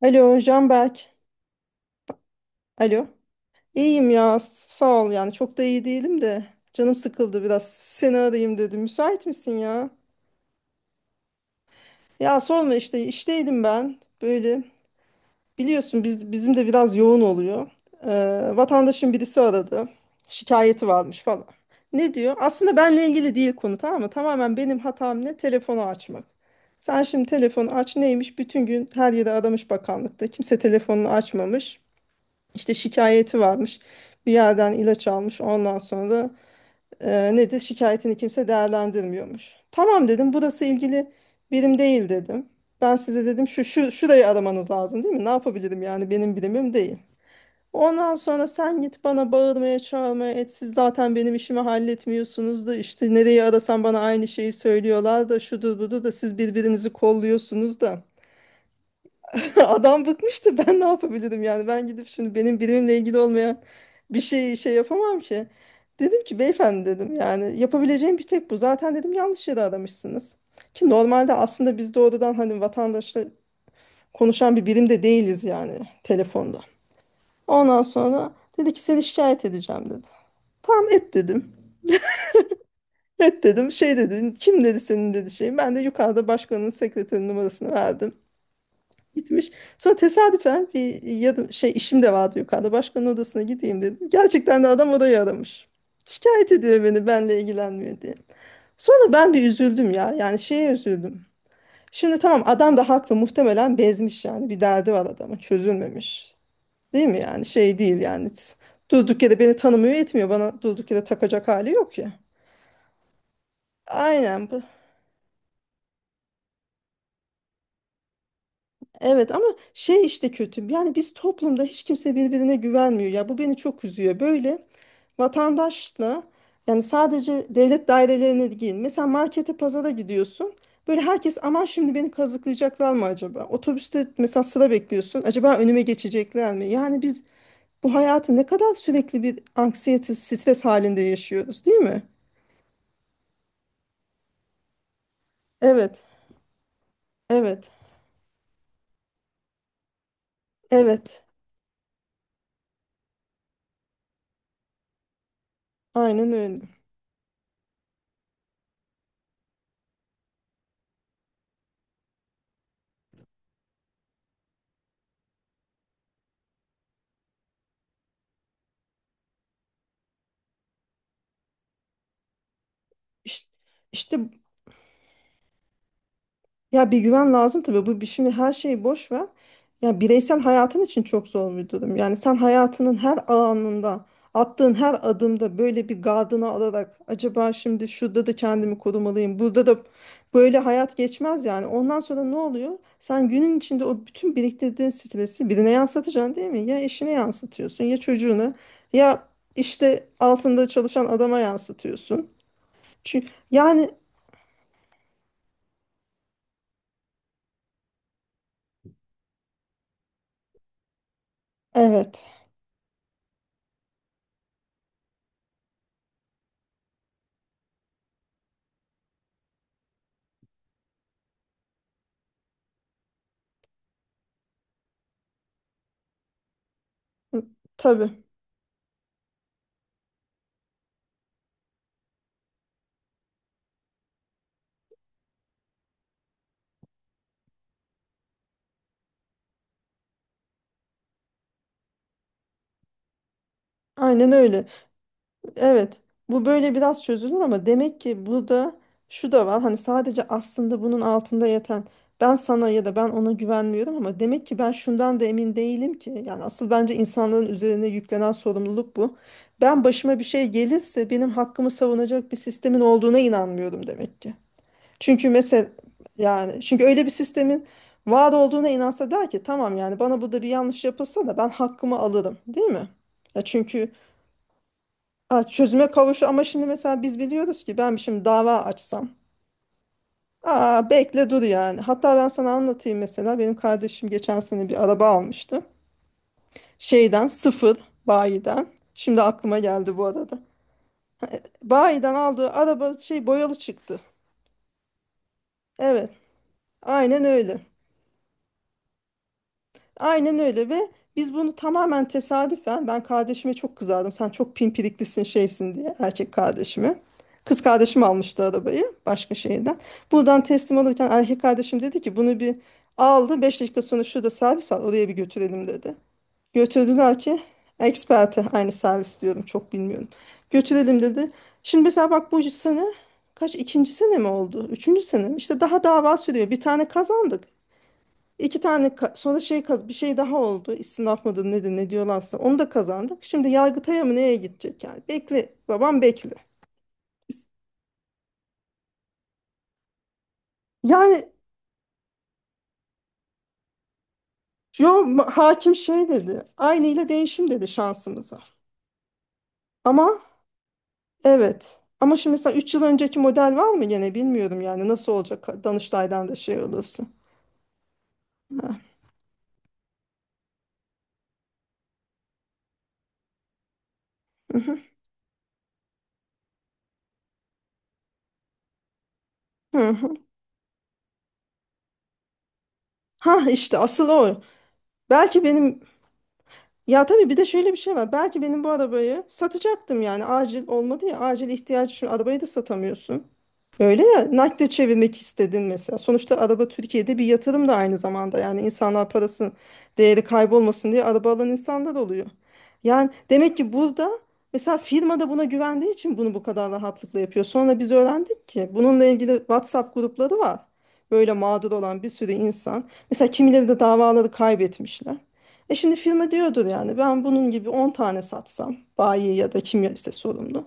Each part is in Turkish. Alo Canberk. Alo. İyiyim ya sağ ol yani çok da iyi değilim de canım sıkıldı biraz seni arayayım dedim. Müsait misin ya? Ya sorma işte işteydim ben böyle biliyorsun bizim de biraz yoğun oluyor. Vatandaşın birisi aradı şikayeti varmış falan. Ne diyor? Aslında benle ilgili değil konu, tamam mı? Tamamen benim hatam ne? Telefonu açmak. Sen şimdi telefonu aç, neymiş? Bütün gün her yere aramış, bakanlıkta kimse telefonunu açmamış. İşte şikayeti varmış. Bir yerden ilaç almış. Ondan sonra nedir? Şikayetini kimse değerlendirmiyormuş. Tamam dedim. Burası ilgili birim değil dedim. Ben size dedim şu, şu şurayı aramanız lazım, değil mi? Ne yapabilirim yani, benim birimim değil. Ondan sonra sen git bana bağırmaya çağırmaya et. Siz zaten benim işimi halletmiyorsunuz da işte nereyi arasam bana aynı şeyi söylüyorlar da şudur budur da siz birbirinizi kolluyorsunuz da. Adam bıkmıştı. Ben ne yapabilirim yani? Ben gidip şimdi benim birimimle ilgili olmayan bir şey şey yapamam ki. Dedim ki beyefendi dedim yani yapabileceğim bir tek bu. Zaten dedim yanlış yere aramışsınız. Ki normalde aslında biz doğrudan hani vatandaşla konuşan bir birim de değiliz yani, telefonda. Ondan sonra dedi ki seni şikayet edeceğim dedi. Tamam et dedim. Et dedim. Şey dedi, kim dedi senin dedi şey. Ben de yukarıda başkanın sekreterinin numarasını verdim. Gitmiş. Sonra tesadüfen bir yardım, şey işim de vardı yukarıda. Başkanın odasına gideyim dedim. Gerçekten de adam orayı aramış. Şikayet ediyor beni, benle ilgilenmiyor diye. Sonra ben bir üzüldüm ya. Yani şeye üzüldüm. Şimdi tamam, adam da haklı muhtemelen, bezmiş yani. Bir derdi var adamın, çözülmemiş. Değil mi yani, şey değil yani. Durduk yere beni tanımıyor etmiyor. Bana durduk yere takacak hali yok ya. Aynen bu. Evet ama şey işte kötü. Yani biz toplumda hiç kimse birbirine güvenmiyor. Ya bu beni çok üzüyor. Böyle vatandaşla yani, sadece devlet dairelerine değil. Mesela markete, pazara gidiyorsun. Böyle herkes, aman şimdi beni kazıklayacaklar mı acaba? Otobüste mesela sıra bekliyorsun. Acaba önüme geçecekler mi? Yani biz bu hayatı ne kadar sürekli bir anksiyete, stres halinde yaşıyoruz, değil mi? Evet, evet, evet. Aynen öyle. İşte, işte ya bir güven lazım tabii. Şimdi her şeyi boş ver. Ya bireysel hayatın için çok zor bir durum. Yani sen hayatının her anında, attığın her adımda böyle bir gardını alarak, acaba şimdi şurada da kendimi korumalıyım, burada da, böyle hayat geçmez yani. Ondan sonra ne oluyor? Sen günün içinde o bütün biriktirdiğin stresi birine yansıtacaksın, değil mi? Ya eşine yansıtıyorsun, ya çocuğuna, ya işte altında çalışan adama yansıtıyorsun. Çünkü yani evet. Tabii. Aynen öyle. Evet, bu böyle biraz çözülür ama demek ki burada şu da var. Hani sadece, aslında bunun altında yatan ben sana ya da ben ona güvenmiyorum, ama demek ki ben şundan da emin değilim ki. Yani asıl bence insanların üzerine yüklenen sorumluluk bu. Ben başıma bir şey gelirse benim hakkımı savunacak bir sistemin olduğuna inanmıyorum demek ki. Çünkü mesela, yani çünkü öyle bir sistemin var olduğuna inansa der ki tamam yani, bana burada bir yanlış yapılsa da ben hakkımı alırım, değil mi? Ya çünkü, aa, çözüme kavuşu ama şimdi mesela biz biliyoruz ki ben şimdi dava açsam. Aa, bekle dur yani. Hatta ben sana anlatayım mesela. Benim kardeşim geçen sene bir araba almıştı. Şeyden, sıfır bayiden. Şimdi aklıma geldi bu arada. Bayiden aldığı araba şey, boyalı çıktı. Evet, aynen öyle. Aynen öyle ve biz bunu tamamen tesadüfen, ben kardeşime çok kızardım. Sen çok pimpiriklisin şeysin diye, erkek kardeşime. Kız kardeşim almıştı arabayı, başka şehirden. Buradan teslim alırken erkek kardeşim dedi ki bunu bir aldı, 5 dakika sonra şurada servis var oraya bir götürelim dedi. Götürdüler ki, eksperte, aynı servis diyorum çok bilmiyorum. Götürelim dedi. Şimdi mesela bak bu sene kaç, ikinci sene mi oldu? Üçüncü sene mi? İşte daha dava sürüyor. Bir tane kazandık. Sonra bir şey daha oldu. İstinaf mıdır nedir ne diyorlarsa onu da kazandık. Şimdi Yargıtay'a mı neye gidecek yani? Bekle babam bekle. Yani hakim şey dedi. Aynı ile değişim dedi, şansımıza. Ama evet. Ama şimdi mesela 3 yıl önceki model var mı gene bilmiyorum yani nasıl olacak, Danıştay'dan da şey olursun. Ha, hı hı, hı hı. Ha, işte asıl o. Belki benim, ya tabii bir de şöyle bir şey var. Belki benim bu arabayı satacaktım yani, acil olmadı, ya acil ihtiyaç için arabayı da satamıyorsun. Öyle ya, nakde çevirmek istedin mesela. Sonuçta araba Türkiye'de bir yatırım da aynı zamanda. Yani insanlar parası, değeri kaybolmasın diye araba alan insanlar oluyor. Yani demek ki burada mesela firma da buna güvendiği için bunu bu kadar rahatlıkla yapıyor. Sonra biz öğrendik ki bununla ilgili WhatsApp grupları var. Böyle mağdur olan bir sürü insan. Mesela kimileri de davaları kaybetmişler. E şimdi firma diyordur yani, ben bunun gibi 10 tane satsam, bayi ya da kim ise sorumlu.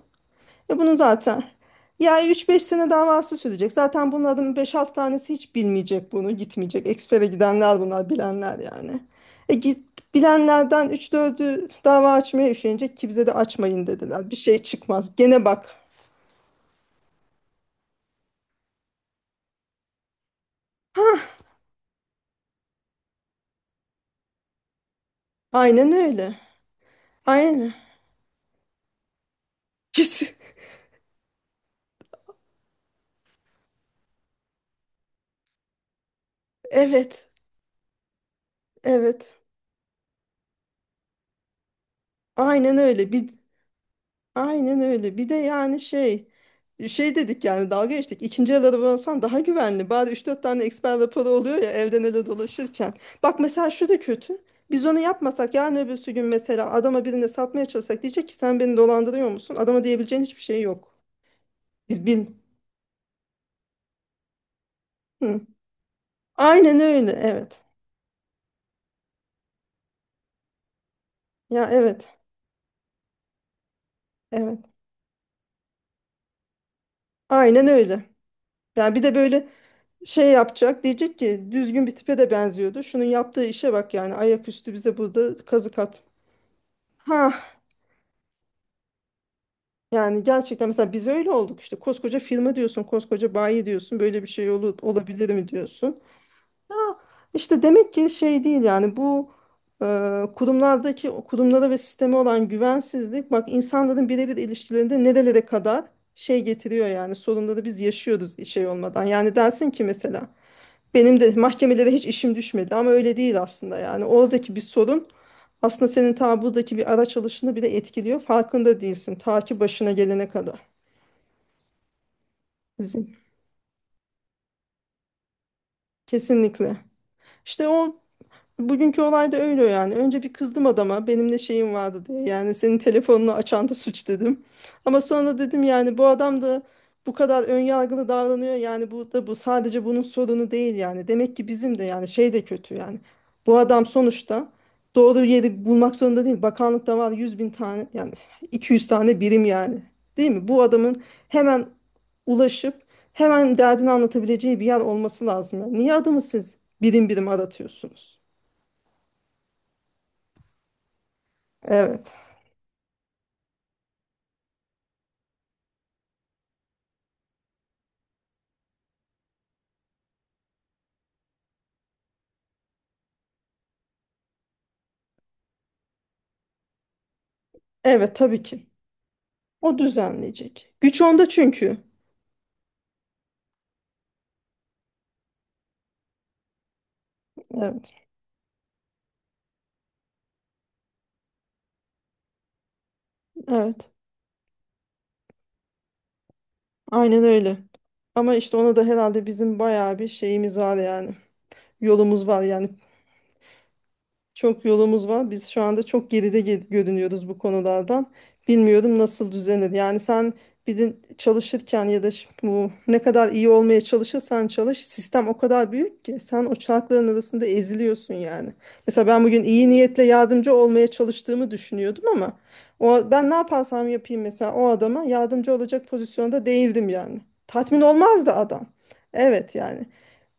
E bunun zaten ya üç beş sene davası sürecek. Zaten bunların beş 6 tanesi hiç bilmeyecek bunu, gitmeyecek. Ekspere gidenler bunlar, bilenler yani. E git, bilenlerden üç dördü dava açmaya üşenecek ki bize de açmayın dediler. Bir şey çıkmaz. Gene bak. Hah, aynen öyle. Aynen. Kesin. Evet. Evet. Aynen öyle. Bir, aynen öyle. Bir de yani şey şey dedik yani, dalga geçtik. İkinci el araba alsan daha güvenli. Bari üç dört tane eksper raporu oluyor ya, evden ele dolaşırken. Bak mesela şu da kötü. Biz onu yapmasak yarın öbürsü gün mesela adama, birine satmaya çalışsak diyecek ki sen beni dolandırıyor musun? Adama diyebileceğin hiçbir şey yok. Biz bin. Hı. Aynen öyle, evet. Ya evet. Evet. Aynen öyle. Yani bir de böyle şey yapacak, diyecek ki düzgün bir tipe de benziyordu, şunun yaptığı işe bak yani, ayaküstü bize burada kazık at. Ha, yani gerçekten mesela biz öyle olduk, işte koskoca firma diyorsun, koskoca bayi diyorsun, böyle bir şey olur, olabilir mi diyorsun. Ya işte demek ki şey değil yani, bu kurumlardaki, kurumlara ve sisteme olan güvensizlik bak insanların birebir ilişkilerinde nerelere kadar şey getiriyor yani, sorunları biz yaşıyoruz şey olmadan. Yani dersin ki mesela benim de mahkemelere hiç işim düşmedi ama öyle değil aslında yani. Oradaki bir sorun aslında senin ta buradaki bir araç alışını bile etkiliyor. Farkında değilsin ta ki başına gelene kadar. Bizim. Kesinlikle. İşte o, bugünkü olay da öyle yani. Önce bir kızdım adama, benimle şeyim vardı diye. Yani senin telefonunu açan da suç dedim. Ama sonra dedim yani bu adam da bu kadar önyargılı davranıyor. Yani bu da, bu sadece bunun sorunu değil yani. Demek ki bizim de yani şey de kötü yani. Bu adam sonuçta doğru yeri bulmak zorunda değil. Bakanlıkta var 100.000 tane yani, 200 tane birim yani. Değil mi? Bu adamın hemen ulaşıp hemen derdini anlatabileceği bir yer olması lazım. Yani, niye adamı siz birim birim aratıyorsunuz? Evet. Evet tabii ki. O düzenleyecek. Güç onda çünkü. Evet. Evet. Aynen öyle. Ama işte ona da herhalde bizim bayağı bir şeyimiz var yani. Yolumuz var yani. Çok yolumuz var. Biz şu anda çok geride görünüyoruz bu konulardan. Bilmiyorum nasıl düzenir. Yani sen bir de çalışırken ya da bu ne kadar iyi olmaya çalışırsan çalış, sistem o kadar büyük ki sen o çarkların arasında eziliyorsun yani. Mesela ben bugün iyi niyetle yardımcı olmaya çalıştığımı düşünüyordum ama o, ben ne yaparsam yapayım mesela o adama yardımcı olacak pozisyonda değildim yani. Tatmin olmazdı adam. Evet yani.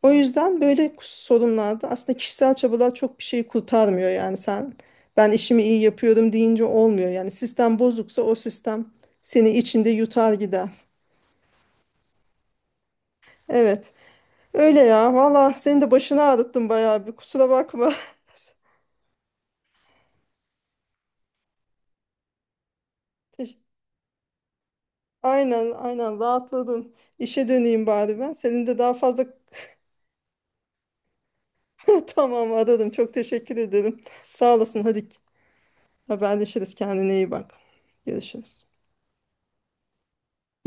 O yüzden böyle sorunlarda aslında kişisel çabalar çok bir şey kurtarmıyor yani, sen ben işimi iyi yapıyorum deyince olmuyor yani, sistem bozuksa o sistem seni içinde yutar gider. Evet, öyle ya valla, senin de başını ağrıttım bayağı bir, kusura bakma. Teş- Aynen, aynen rahatladım, işe döneyim bari ben, senin de daha fazla tamam, aradım çok teşekkür ederim, sağ olasın, hadi haberleşiriz, kendine iyi bak, görüşürüz.